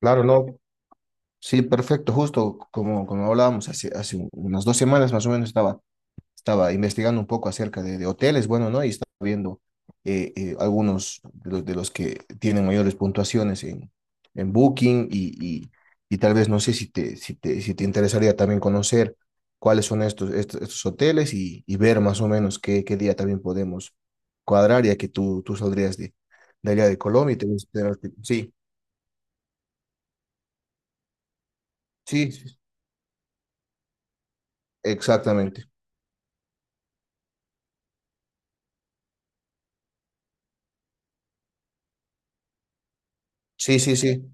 Claro, no. Sí, perfecto. Justo como hablábamos hace unas 2 semanas más o menos estaba investigando un poco acerca de hoteles, bueno, ¿no? Y estaba viendo algunos de los que tienen mayores puntuaciones en Booking y tal vez no sé si te interesaría también conocer cuáles son estos hoteles y ver más o menos qué día también podemos cuadrar, ya que tú saldrías de allá de Colombia y te... Sí, sí, sí, exactamente. Sí, sí, sí,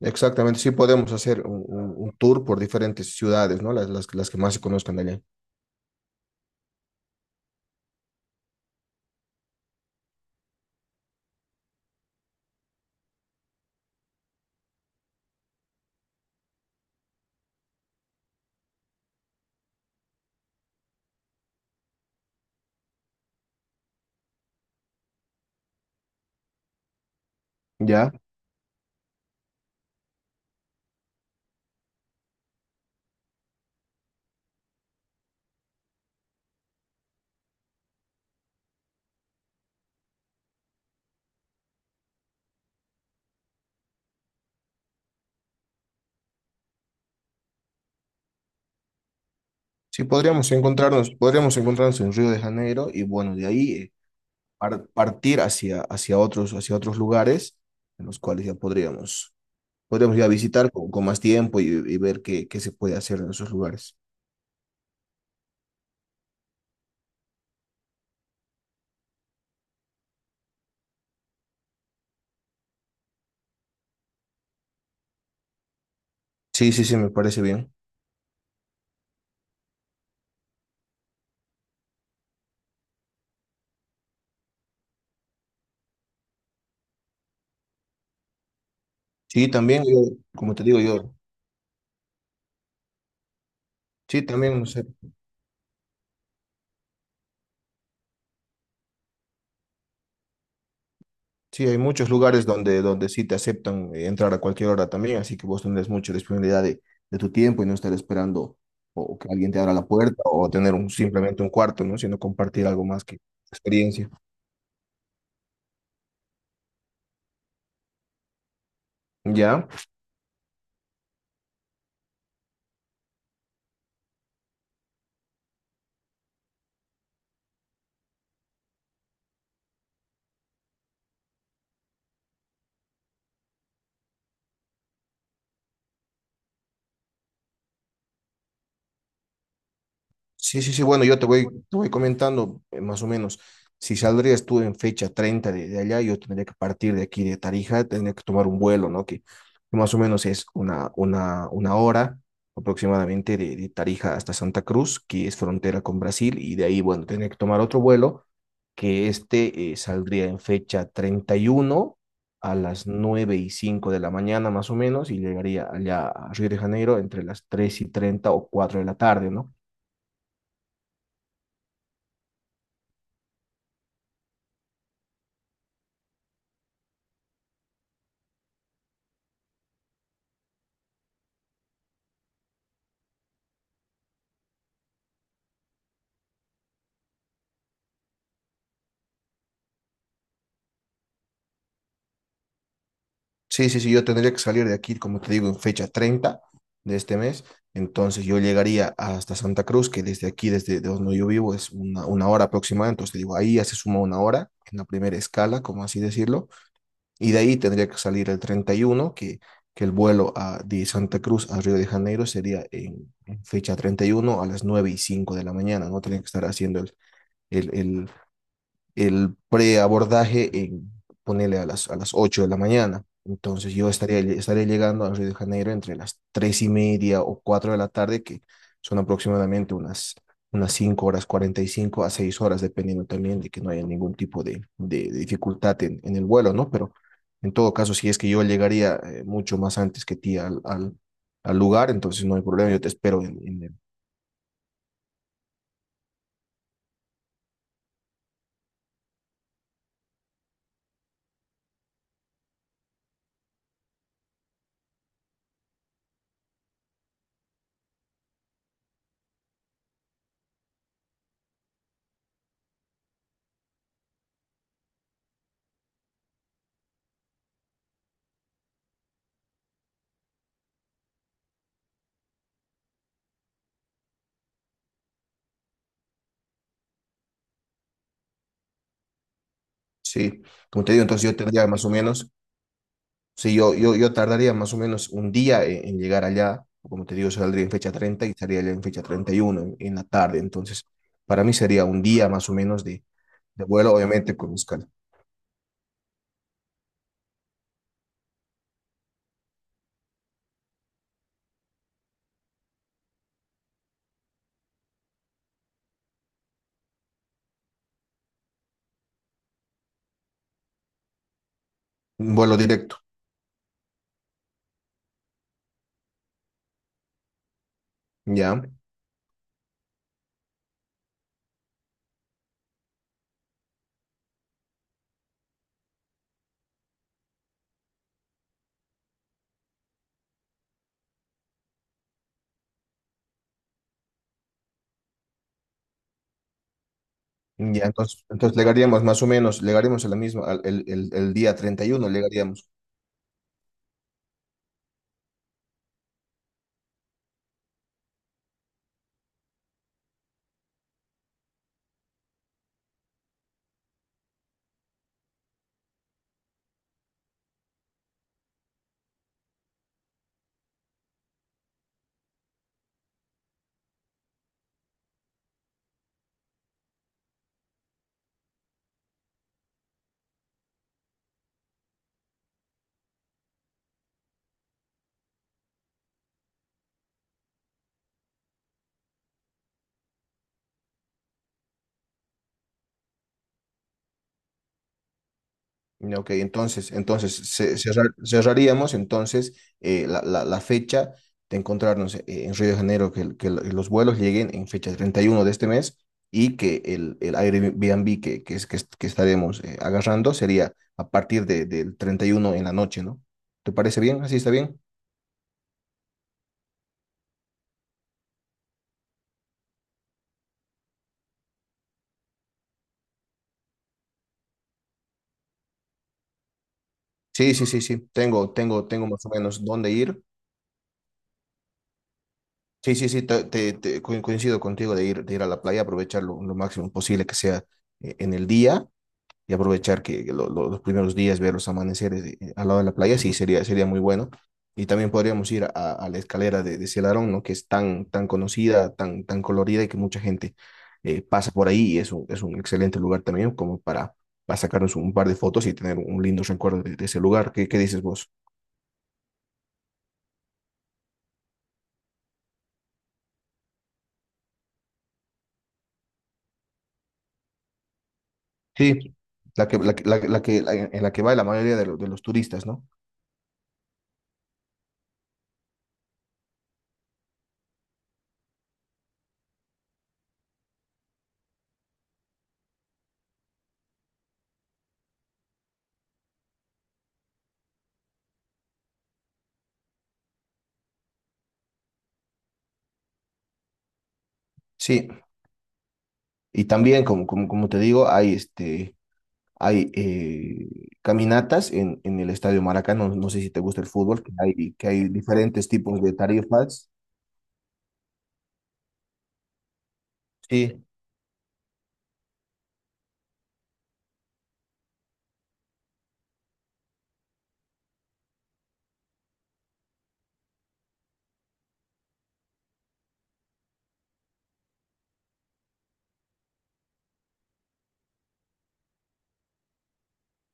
exactamente. Sí, podemos hacer un tour por diferentes ciudades, ¿no? Las que más se conozcan de allá. ¿Ya? Sí, podríamos encontrarnos en Río de Janeiro y bueno, de ahí partir hacia otros lugares en los cuales ya podríamos ya visitar con más tiempo y ver qué se puede hacer en esos lugares. Sí, sí, sí, me parece bien. Sí, también yo, como te digo yo, sí, también no sé. Sí, hay muchos lugares donde sí te aceptan entrar a cualquier hora también, así que vos tendrás mucha disponibilidad de tu tiempo y no estar esperando o que alguien te abra la puerta o tener simplemente un cuarto, ¿no? Sino compartir algo más que experiencia. ¿Ya? Sí, sí, sí, bueno, yo te voy comentando más o menos. Si saldrías tú en fecha 30 de allá, yo tendría que partir de aquí de Tarija, tendría que tomar un vuelo, ¿no? Que más o menos es una hora aproximadamente de Tarija hasta Santa Cruz, que es frontera con Brasil, y de ahí, bueno, tendría que tomar otro vuelo, que saldría en fecha 31 a las 9:05 de la mañana más o menos, y llegaría allá a Río de Janeiro entre las 3:30 o 4 de la tarde, ¿no? Sí, sí, sí, yo tendría que salir de aquí, como te digo, en fecha 30 de este mes. Entonces yo llegaría hasta Santa Cruz, que desde aquí, desde de donde yo vivo, es 1 hora aproximada. Entonces te digo, ahí ya se suma 1 hora en la primera escala, como así decirlo. Y de ahí tendría que salir el 31 que el vuelo de Santa Cruz a Río de Janeiro sería en fecha 31 a las 9 y 5 de la mañana. No tendría que estar haciendo el, el el preabordaje en ponerle a las 8 de la mañana. Entonces yo estaría llegando a Río de Janeiro entre las 3:30 o 4 de la tarde, que son aproximadamente unas 5 horas 45 a 6 horas, dependiendo también de que no haya ningún tipo de dificultad en el vuelo, ¿no? Pero en todo caso, si es que yo llegaría mucho más antes que ti al lugar, entonces no hay problema, yo te espero en el... Sí, como te digo, entonces yo tendría más o menos. Sí, yo tardaría más o menos un día en llegar allá. Como te digo, saldría en fecha 30 y estaría allá en fecha 31 en la tarde. Entonces, para mí sería un día más o menos de vuelo, obviamente con escala. Un vuelo directo, ¿ya? Ya, entonces, llegaríamos más o menos, llegaríamos a la misma, el día 31 llegaríamos. Ok, entonces, cerraríamos entonces la fecha de encontrarnos en Río de Janeiro, que los vuelos lleguen en fecha 31 de este mes y que el Airbnb que estaremos agarrando sería a partir del 31 en la noche, ¿no? ¿Te parece bien? ¿Así está bien? Sí, sí, sí, sí. Tengo más o menos dónde ir. Sí, sí, sí, coincido contigo de ir a la playa, aprovechar lo máximo posible que sea en el día. Y aprovechar que los primeros días, ver los amaneceres al lado de la playa, sí, sería muy bueno. Y también podríamos ir a la escalera de Celarón, ¿no? Que es tan, tan conocida, tan, tan colorida y que mucha gente pasa por ahí y es un excelente lugar también como para sacarnos un par de fotos y tener un lindo recuerdo de ese lugar. Qué dices vos? Sí, la que, la, que- la que, la que- la- en la que va la mayoría de los turistas, ¿no? Sí, y también, como te digo, hay hay eh, caminatas en el Estadio Maracaná, no sé si te gusta el fútbol, que hay diferentes tipos de tarifas. Sí,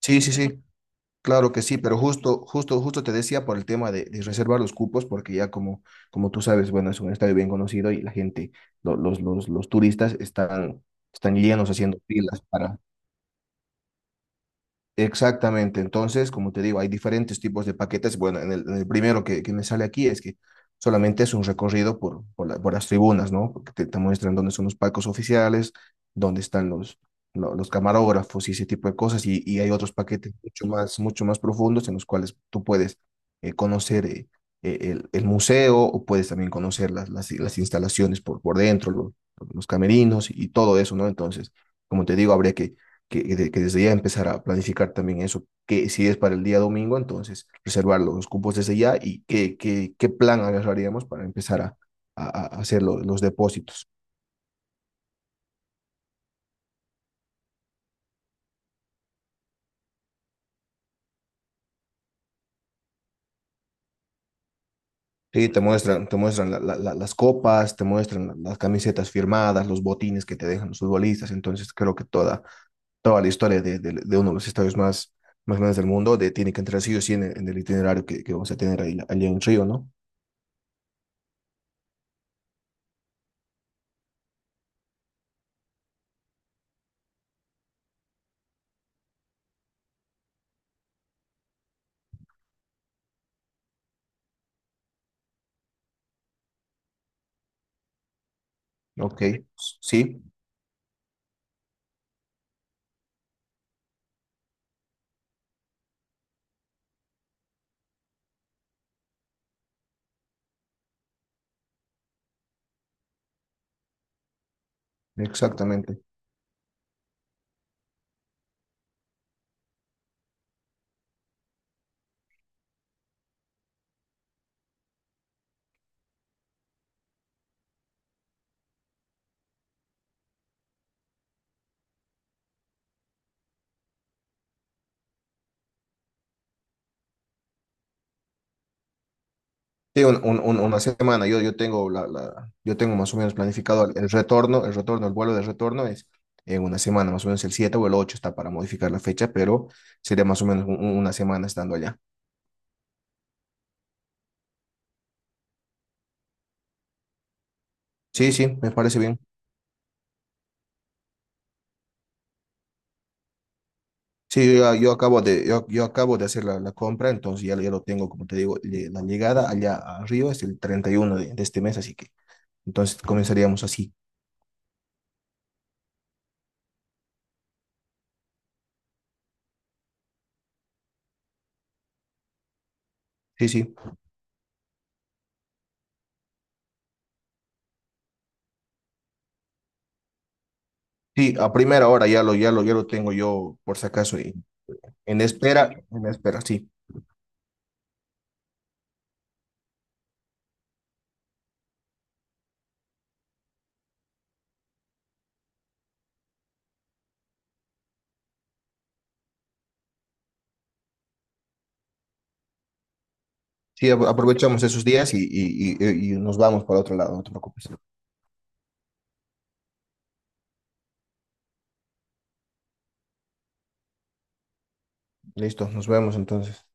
sí, sí, sí, claro que sí, pero justo te decía por el tema de reservar los cupos, porque ya como tú sabes, bueno, es un estadio bien conocido y la gente, los turistas están llenos haciendo filas para... Exactamente, entonces, como te digo, hay diferentes tipos de paquetes. Bueno, en el primero que me sale aquí es que solamente es un recorrido por las tribunas, ¿no? Porque te muestran dónde son los palcos oficiales, dónde están los camarógrafos y ese tipo de cosas. Y hay otros paquetes mucho más profundos en los cuales tú puedes conocer el museo o puedes también conocer las instalaciones por dentro, los camerinos y todo eso, ¿no? Entonces, como te digo, habría que desde ya empezar a planificar también eso, que si es para el día domingo, entonces reservar los cupos desde ya y qué plan agarraríamos para empezar a- a hacer los depósitos. Sí, te muestran, las copas, te muestran las camisetas firmadas, los botines que te dejan los futbolistas, entonces creo que toda la historia de uno de los estadios más grandes del mundo de, tiene que entrar sí o sí en en el itinerario que vamos a tener ahí, allá en Río, ¿no? Ok, sí, exactamente. Sí, una semana. Yo tengo más o menos planificado el vuelo de retorno es en una semana, más o menos el 7 o el 8 está para modificar la fecha, pero sería más o menos una semana estando allá. Sí, sí, me parece bien. Sí, yo acabo de hacer la compra, entonces ya lo tengo, como te digo, la llegada allá a Río es el 31 de este mes, así que entonces comenzaríamos así. Sí, sí. Sí, a primera hora ya lo tengo yo, por si acaso, en espera, sí. Sí, aprovechamos esos días y nos vamos para otro lado, no te preocupes. Listo, nos vemos entonces.